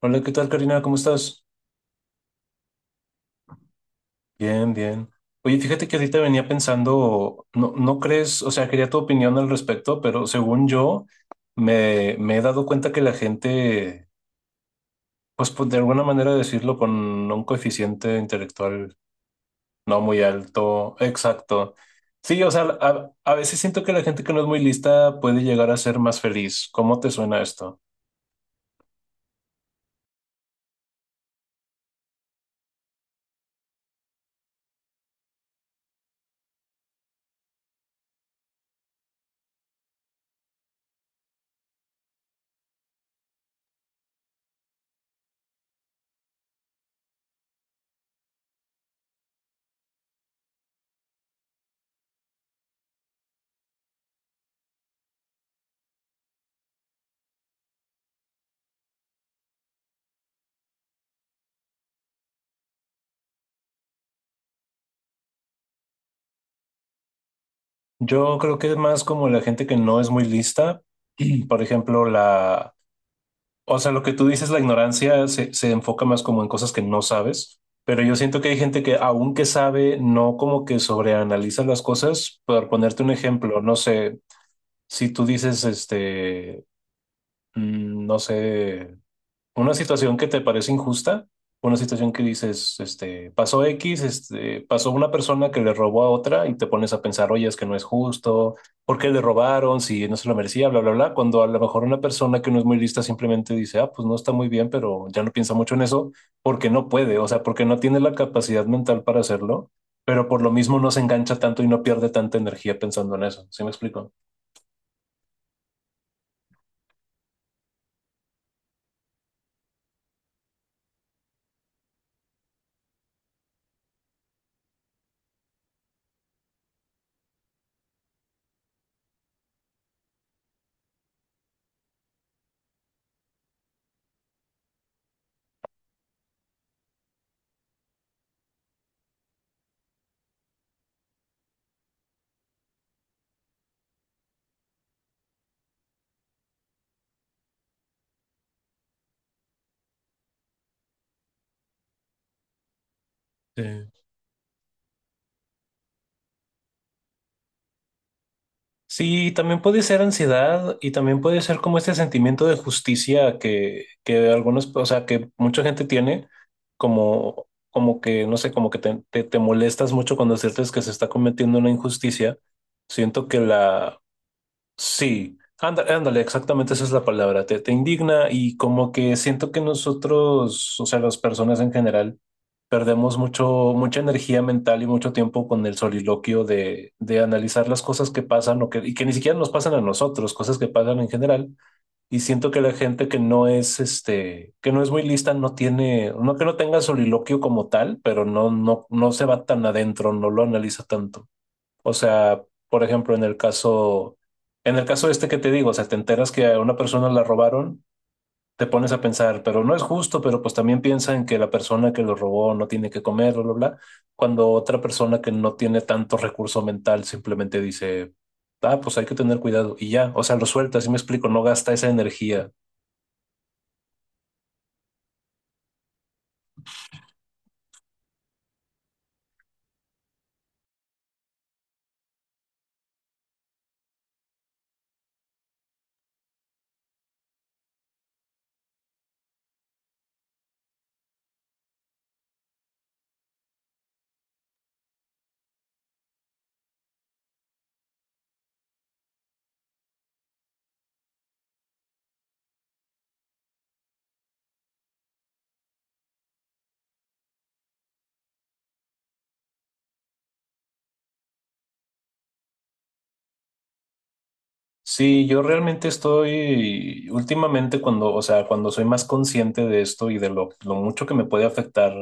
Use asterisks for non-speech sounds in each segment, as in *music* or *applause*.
Hola, ¿qué tal, Karina? ¿Cómo estás? Bien, bien. Oye, fíjate que ahorita venía pensando, no crees, o sea, quería tu opinión al respecto, pero según yo, me he dado cuenta que la gente, pues, de alguna manera decirlo, con un coeficiente intelectual no muy alto, exacto. Sí, o sea, a veces siento que la gente que no es muy lista puede llegar a ser más feliz. ¿Cómo te suena esto? Yo creo que es más como la gente que no es muy lista. *clears throat* Por ejemplo, o sea, lo que tú dices, la ignorancia se enfoca más como en cosas que no sabes, pero yo siento que hay gente que aunque sabe, no como que sobreanaliza las cosas. Por ponerte un ejemplo, no sé, si tú dices, no sé, una situación que te parece injusta, una situación que dices, pasó X, pasó una persona que le robó a otra y te pones a pensar, oye, es que no es justo, ¿por qué le robaron? Si no se lo merecía, bla, bla, bla, cuando a lo mejor una persona que no es muy lista simplemente dice, ah, pues no está muy bien, pero ya no piensa mucho en eso, porque no puede, o sea, porque no tiene la capacidad mental para hacerlo, pero por lo mismo no se engancha tanto y no pierde tanta energía pensando en eso, ¿sí me explico? Sí. Sí, también puede ser ansiedad y también puede ser como este sentimiento de justicia que algunos, o sea, que mucha gente tiene, como que, no sé, como que te molestas mucho cuando sientes que se está cometiendo una injusticia. Siento que la... Sí, ándale, exactamente esa es la palabra, te indigna y como que siento que nosotros, o sea, las personas en general, perdemos mucho, mucha energía mental y mucho tiempo con el soliloquio de analizar las cosas que pasan o que, y que ni siquiera nos pasan a nosotros, cosas que pasan en general. Y siento que la gente que no es, que no es muy lista, no tiene, no que no tenga soliloquio como tal, pero no se va tan adentro, no lo analiza tanto. O sea, por ejemplo, en el caso este que te digo, o sea, te enteras que a una persona la robaron, te pones a pensar, pero no es justo, pero pues también piensa en que la persona que lo robó no tiene que comer, bla, bla, bla, cuando otra persona que no tiene tanto recurso mental simplemente dice, ah, pues hay que tener cuidado y ya, o sea, lo suelta, así me explico, no gasta esa energía. Sí, yo realmente estoy últimamente cuando, o sea, cuando soy más consciente de esto y de lo mucho que me puede afectar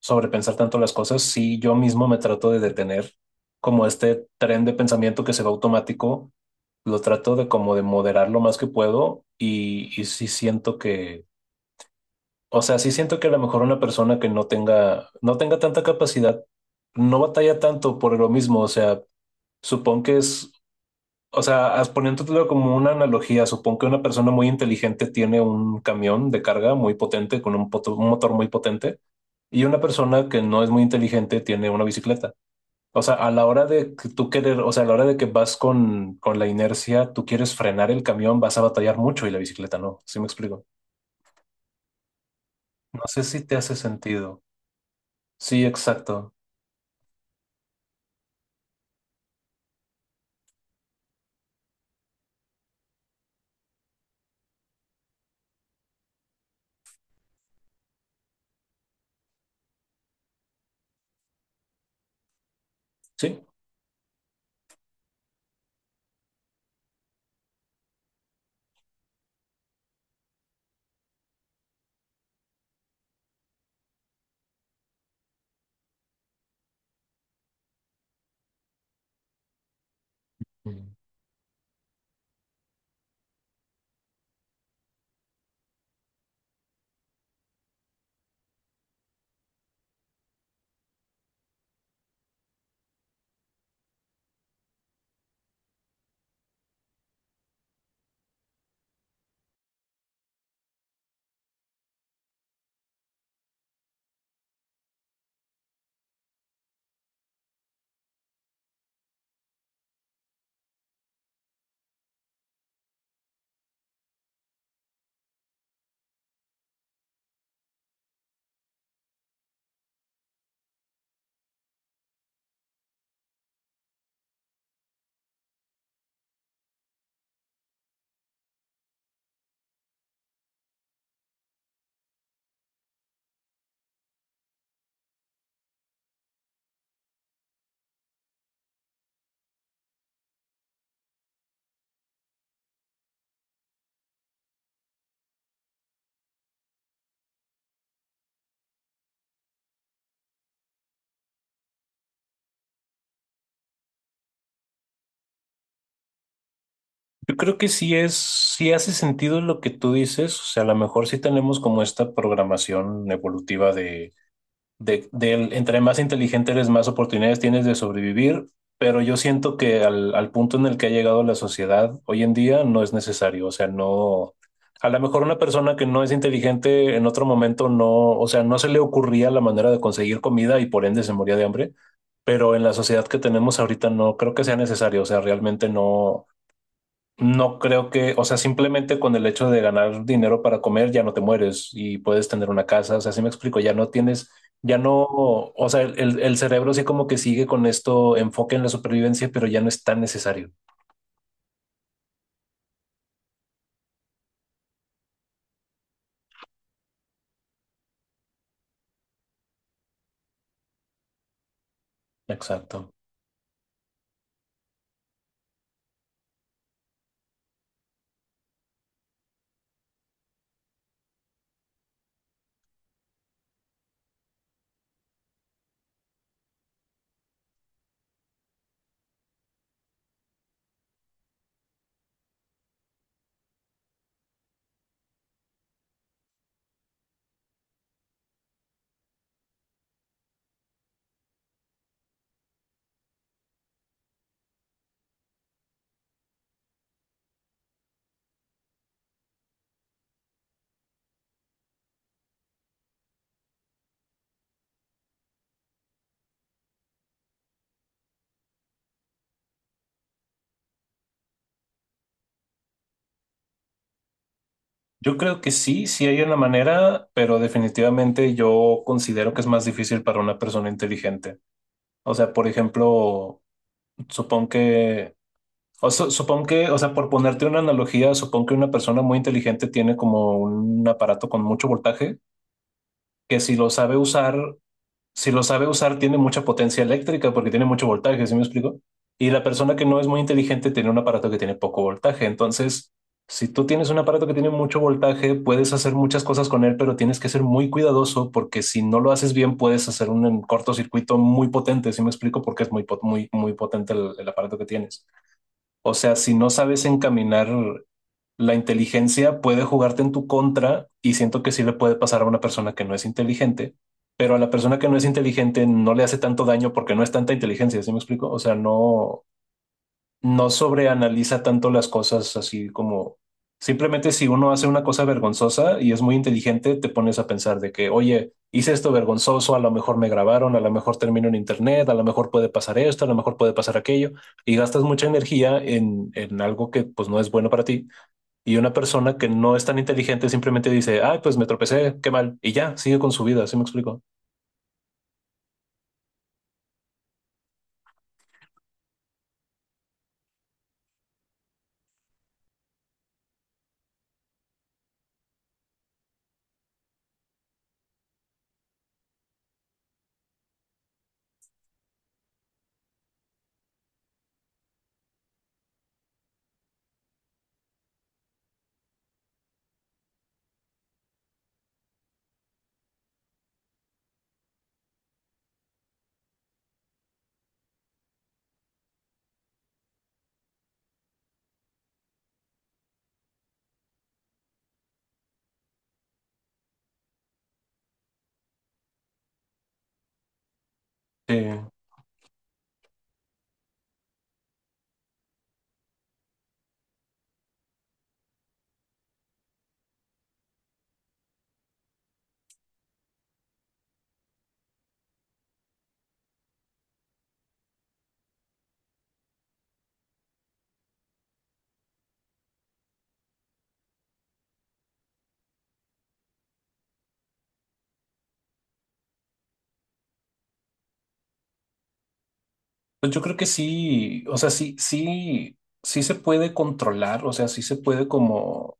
sobrepensar tanto las cosas, sí, yo mismo me trato de detener como este tren de pensamiento que se va automático, lo trato de como de moderar lo más que puedo y sí siento que, o sea, sí siento que a lo mejor una persona que no tenga tanta capacidad, no batalla tanto por lo mismo, o sea, supongo que es, o sea, poniéndotelo como una analogía, supongo que una persona muy inteligente tiene un camión de carga muy potente con un, un motor muy potente, y una persona que no es muy inteligente tiene una bicicleta. O sea, a la hora de que tú querer, o sea, a la hora de que vas con la inercia, tú quieres frenar el camión, vas a batallar mucho y la bicicleta no. ¿Sí me explico? No sé si te hace sentido. Sí, exacto. Sí. Yo creo que sí es, sí hace sentido lo que tú dices, o sea, a lo mejor sí tenemos como esta programación evolutiva del entre más inteligente eres, más oportunidades tienes de sobrevivir, pero yo siento que al punto en el que ha llegado la sociedad hoy en día no es necesario, o sea, no, a lo mejor una persona que no es inteligente en otro momento no, o sea, no se le ocurría la manera de conseguir comida y por ende se moría de hambre, pero en la sociedad que tenemos ahorita no creo que sea necesario, o sea, realmente no. No creo que, o sea, simplemente con el hecho de ganar dinero para comer ya no te mueres y puedes tener una casa, o sea, sí me explico, ya no tienes, ya no, o sea, el cerebro sí como que sigue con esto enfoque en la supervivencia, pero ya no es tan necesario. Exacto. Yo creo que sí, sí hay una manera, pero definitivamente yo considero que es más difícil para una persona inteligente. O sea, por ejemplo, supongo que... supongo que, o sea, por ponerte una analogía, supongo que una persona muy inteligente tiene como un aparato con mucho voltaje, que si lo sabe usar, si lo sabe usar, tiene mucha potencia eléctrica porque tiene mucho voltaje, ¿sí me explico? Y la persona que no es muy inteligente tiene un aparato que tiene poco voltaje. Entonces, si tú tienes un aparato que tiene mucho voltaje, puedes hacer muchas cosas con él, pero tienes que ser muy cuidadoso porque si no lo haces bien, puedes hacer un cortocircuito muy potente, ¿sí me explico? Porque es muy potente el aparato que tienes. O sea, si no sabes encaminar la inteligencia, puede jugarte en tu contra y siento que sí le puede pasar a una persona que no es inteligente, pero a la persona que no es inteligente no le hace tanto daño porque no es tanta inteligencia, ¿sí me explico? O sea, no, no sobreanaliza tanto las cosas, así como simplemente si uno hace una cosa vergonzosa y es muy inteligente, te pones a pensar de que, oye, hice esto vergonzoso, a lo mejor me grabaron, a lo mejor termino en internet, a lo mejor puede pasar esto, a lo mejor puede pasar aquello, y gastas mucha energía en algo que pues no es bueno para ti. Y una persona que no es tan inteligente simplemente dice, ay, pues me tropecé, qué mal, y ya, sigue con su vida, ¿sí me explico? Sí. Pues yo creo que sí, o sea, sí se puede controlar, o sea, sí se puede como,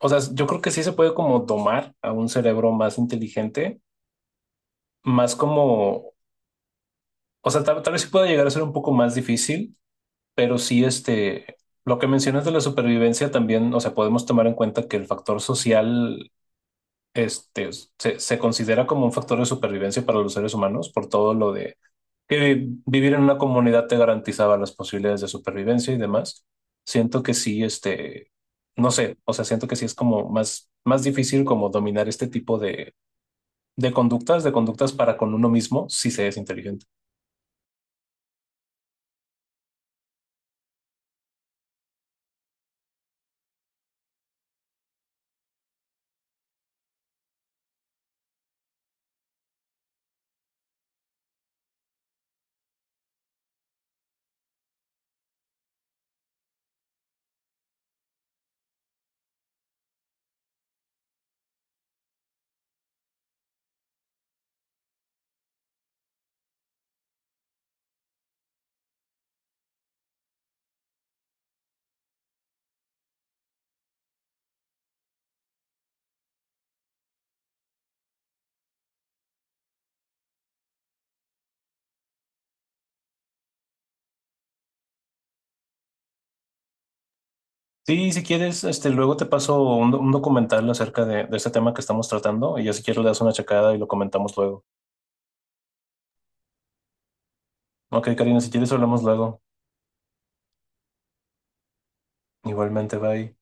o sea, yo creo que sí se puede como domar a un cerebro más inteligente, más como, o sea, tal vez sí pueda llegar a ser un poco más difícil, pero sí, lo que mencionas de la supervivencia también, o sea, podemos tomar en cuenta que el factor social, este, se considera como un factor de supervivencia para los seres humanos por todo lo de que vivir en una comunidad te garantizaba las posibilidades de supervivencia y demás. Siento que sí, no sé, o sea, siento que sí es como más, más difícil como dominar este tipo de conductas para con uno mismo, si se es inteligente. Sí, si quieres, luego te paso un documental acerca de este tema que estamos tratando y ya si quieres le das una checada y lo comentamos luego. Ok, Karina, si quieres hablamos luego. Igualmente, bye.